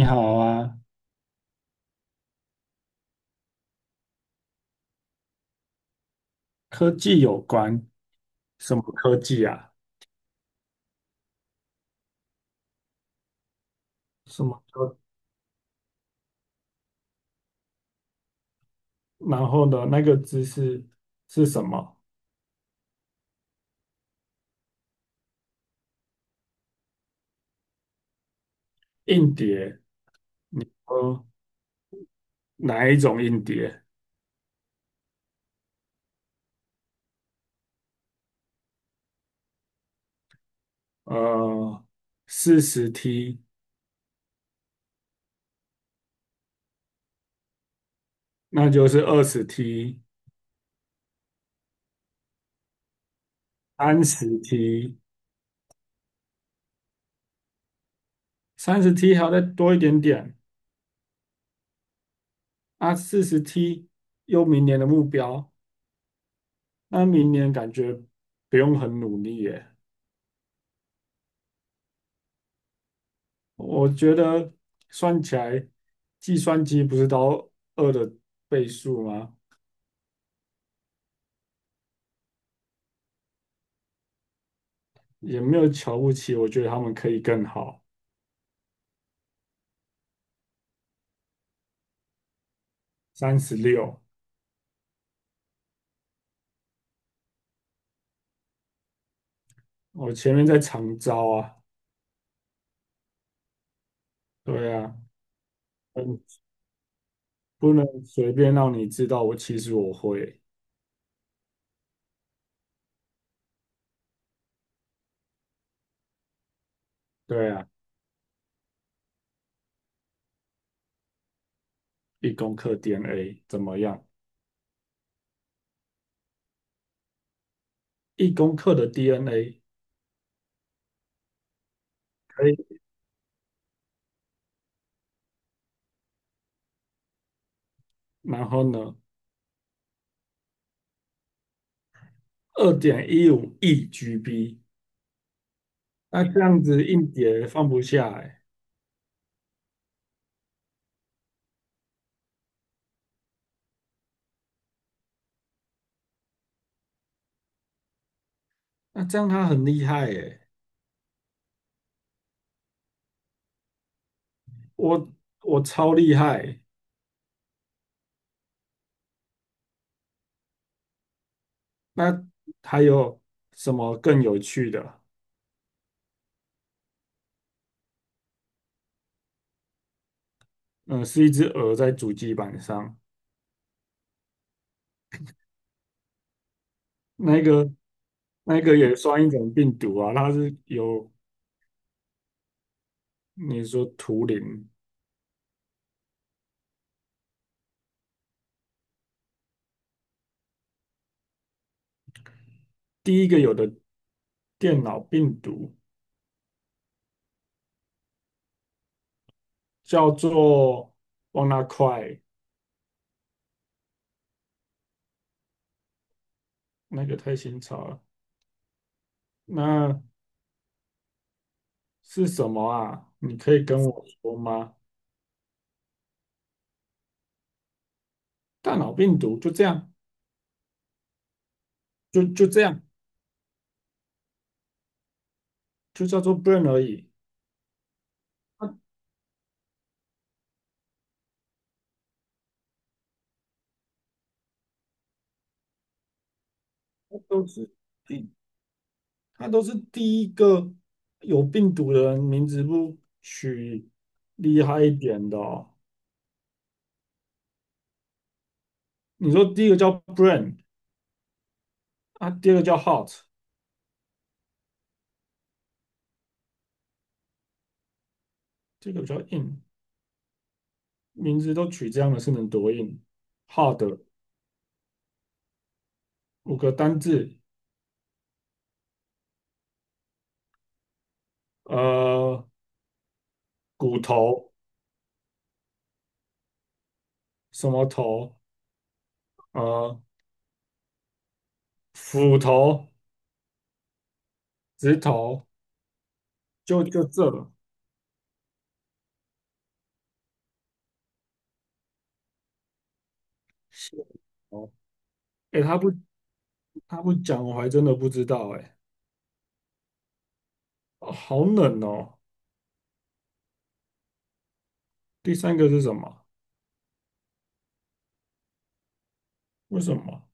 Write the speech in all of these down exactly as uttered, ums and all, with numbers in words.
你好啊，科技有关，什么科技啊？什么科？然后呢，那个知识是什么？硬碟，呃，哪一种硬碟？呃，四十 T，那就是二十 T，三十 T，三十 T 还要再多一点点啊，四十 T 又明年的目标，那明年感觉不用很努力耶。我觉得算起来，计算机不是到二的倍数吗？也没有瞧不起，我觉得他们可以更好。三十六，我前面在长招啊，对啊，嗯，不能随便让你知道我其实我会，对啊，一公克 D N A 怎么样？一公克的 D N A 可以，然后呢，二点一五亿 G B，那这样子硬碟放不下哎、那这样他很厉害哎、我我超厉害。那还有什么更有趣的？嗯，是一只鹅在主机板上，那个那个也算一种病毒啊，它是有你说图灵第一个有的电脑病毒叫做 WannaCry，那个太新潮了。那是什么啊？你可以跟我说吗？大脑病毒就这样，就就这样，就叫做 brain 而已。它它都是。他都是第一个有病毒的人，名字不取厉害一点的哦你说第一个叫 Brain 啊，第二个叫 Hot，第二个比较硬，名字都取这样的是能多硬？Hard 五个单字，呃，骨头什么头，呃，斧头、指头，就就这了。是哦，哎，他不他不讲，我还真的不知道哎、哦好冷哦。第三个是什么？为什么？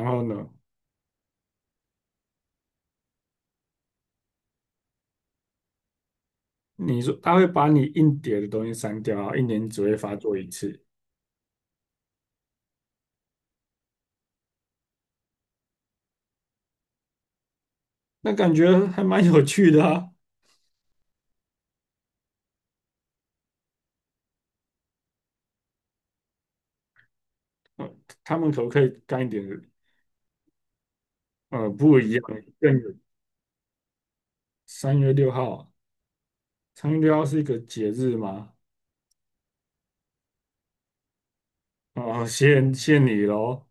然后呢，你说他会把你硬碟的东西删掉啊，一年只会发作一次，那感觉还蛮有趣的啊。呃他们可不可以干一点呃不一样，更有？三月六号啊，三月六号是一个节日吗？哦，谢谢你喽。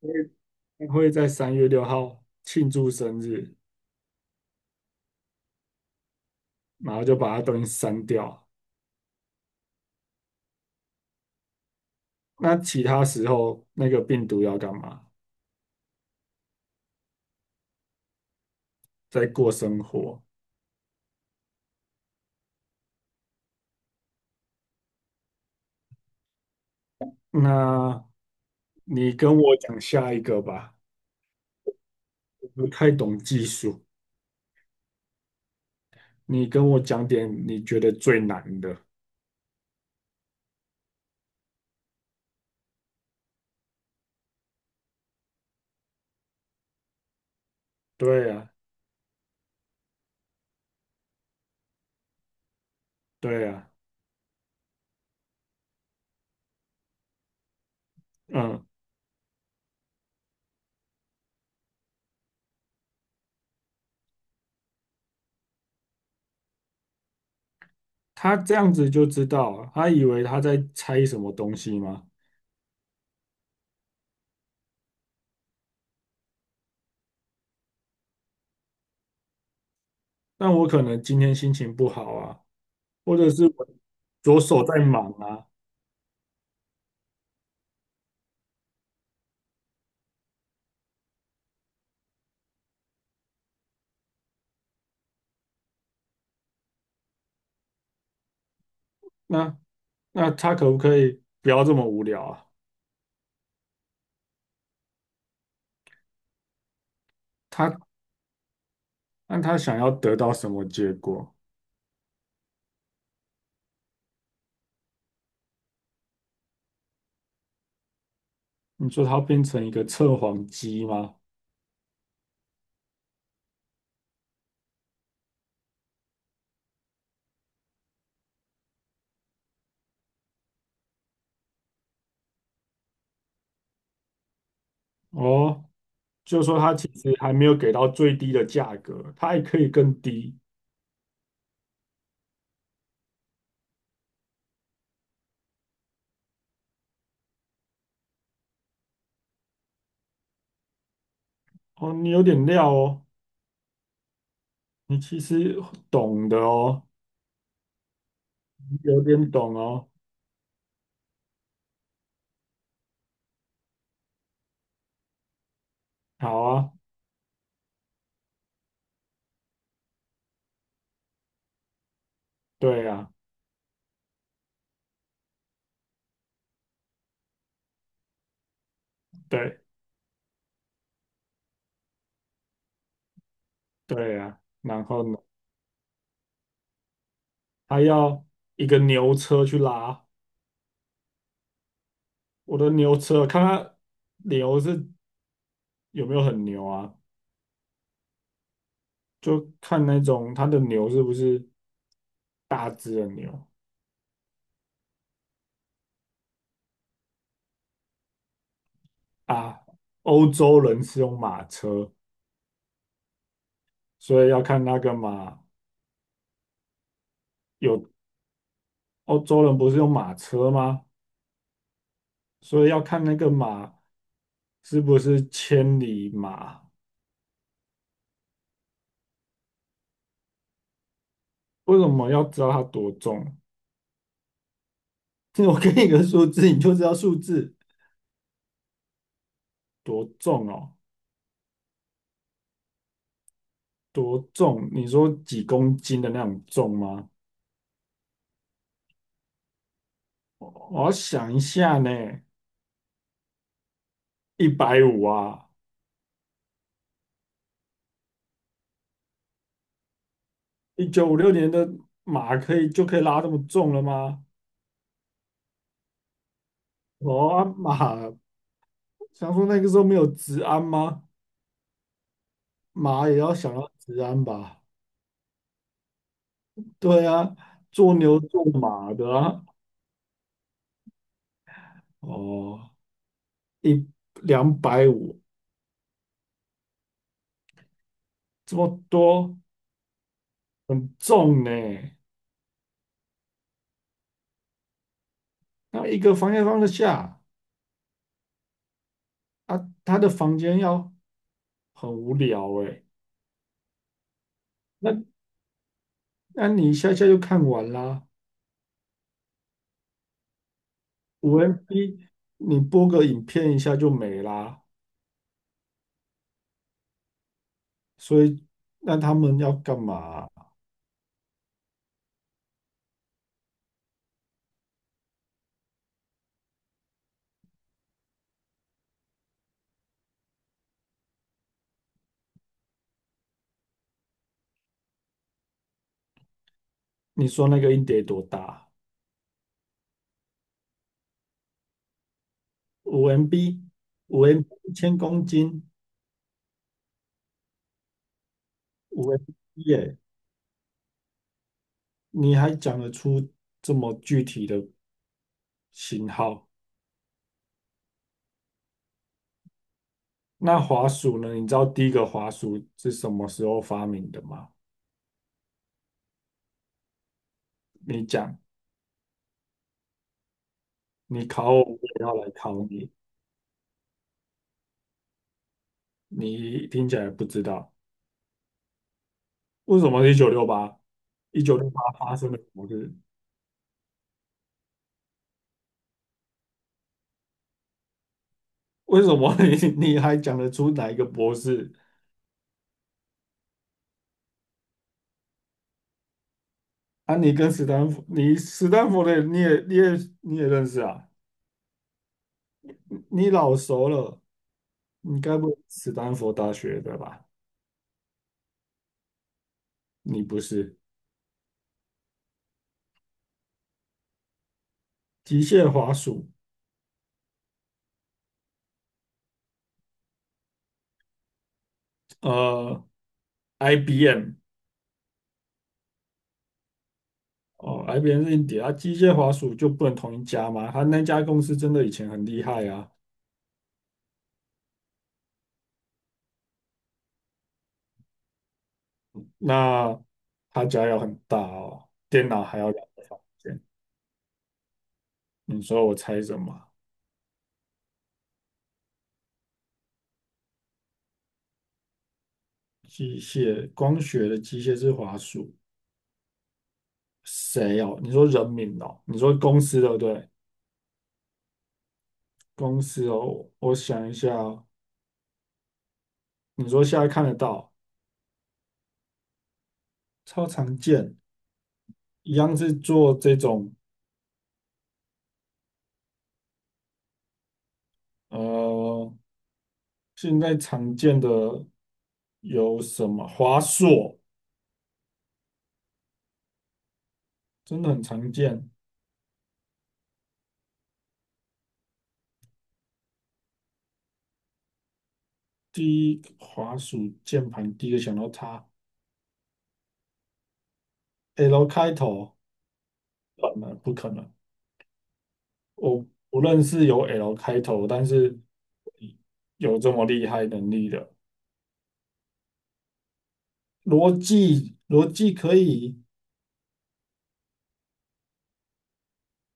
因为他会在三月六号庆祝生日，然后就把它东西删掉。那其他时候那个病毒要干嘛？在过生活。那你跟我讲下一个吧。不太懂技术，你跟我讲点你觉得最难的。对啊，对啊，嗯，他这样子就知道啊他以为他在猜什么东西吗？那我可能今天心情不好啊，或者是我左手在忙啊，那那他可不可以不要这么无聊啊？他那他想要得到什么结果？你说他变成一个测谎机吗？哦，就说他其实还没有给到最低的价格，他还可以更低。哦，你有点料哦，你其实懂的哦，你有点懂哦。好啊，对啊，对对啊。然后呢，还要一个牛车去拉我的牛车，看它牛是有没有很牛啊？就看那种它的牛是不是大只的牛啊？欧洲人是用马车，所以要看那个马有欧洲人不是用马车吗？所以要看那个马。是不是千里马？为什么要知道它多重？我给你个数字，你就知道数字多重哦，多重？你说几公斤的那种重吗？我要想一下呢，一百五啊，一九五六年的马可以就可以拉这么重了吗？哦啊马，想说那个时候没有治安吗？马也要想要治安吧？对啊，做牛做马的啊，哦，一两百五这么多，很重呢。那一个房间放得下啊，他的房间要很无聊诶。那那你一下下就看完啦，五 M B 你播个影片一下就没啦。所以那他们要干嘛？你说那个硬碟多大？五 M B，五 M B 一千公斤，五 M B 耶，你还讲得出这么具体的型号？那滑鼠呢？你知道第一个滑鼠是什么时候发明的吗？你讲，你考我，我也要来考你。你听起来不知道，为什么是一九六八？一九六八发生了什么事？为什么你 你还讲得出哪一个博士？啊，你跟斯坦福，你斯坦福的你也你也你也认识啊？你老熟了，你该不会是斯坦福大学的吧？你不是机械滑鼠，呃，I B M。哦，I B M 是硬碟啊，机械滑鼠就不能同一家吗？他那家公司真的以前很厉害啊，那他家要很大哦，电脑还要两个房间。你说我猜什么？机械光学的机械是滑鼠，谁哦？你说人名哦？你说公司对不对？公司哦，我想一下哦，你说现在看得到，超常见，一样是做这种呃，现在常见的有什么？华硕。真的很常见。第一，滑鼠键盘第一个想到它，L 开头，不可能不可能？我不认识有 L 开头，但是有这么厉害能力的逻辑，逻辑可以，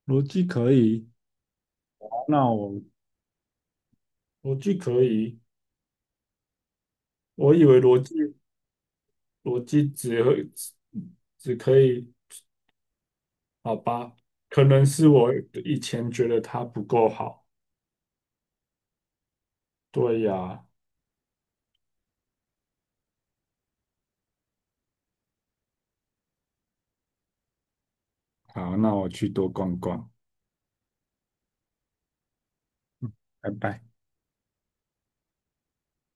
逻辑可以，好那我逻辑可以。我以为逻辑逻辑只会只只可以，好吧？可能是我以前觉得它不够好。对呀，好，那我去多逛逛。嗯，拜拜。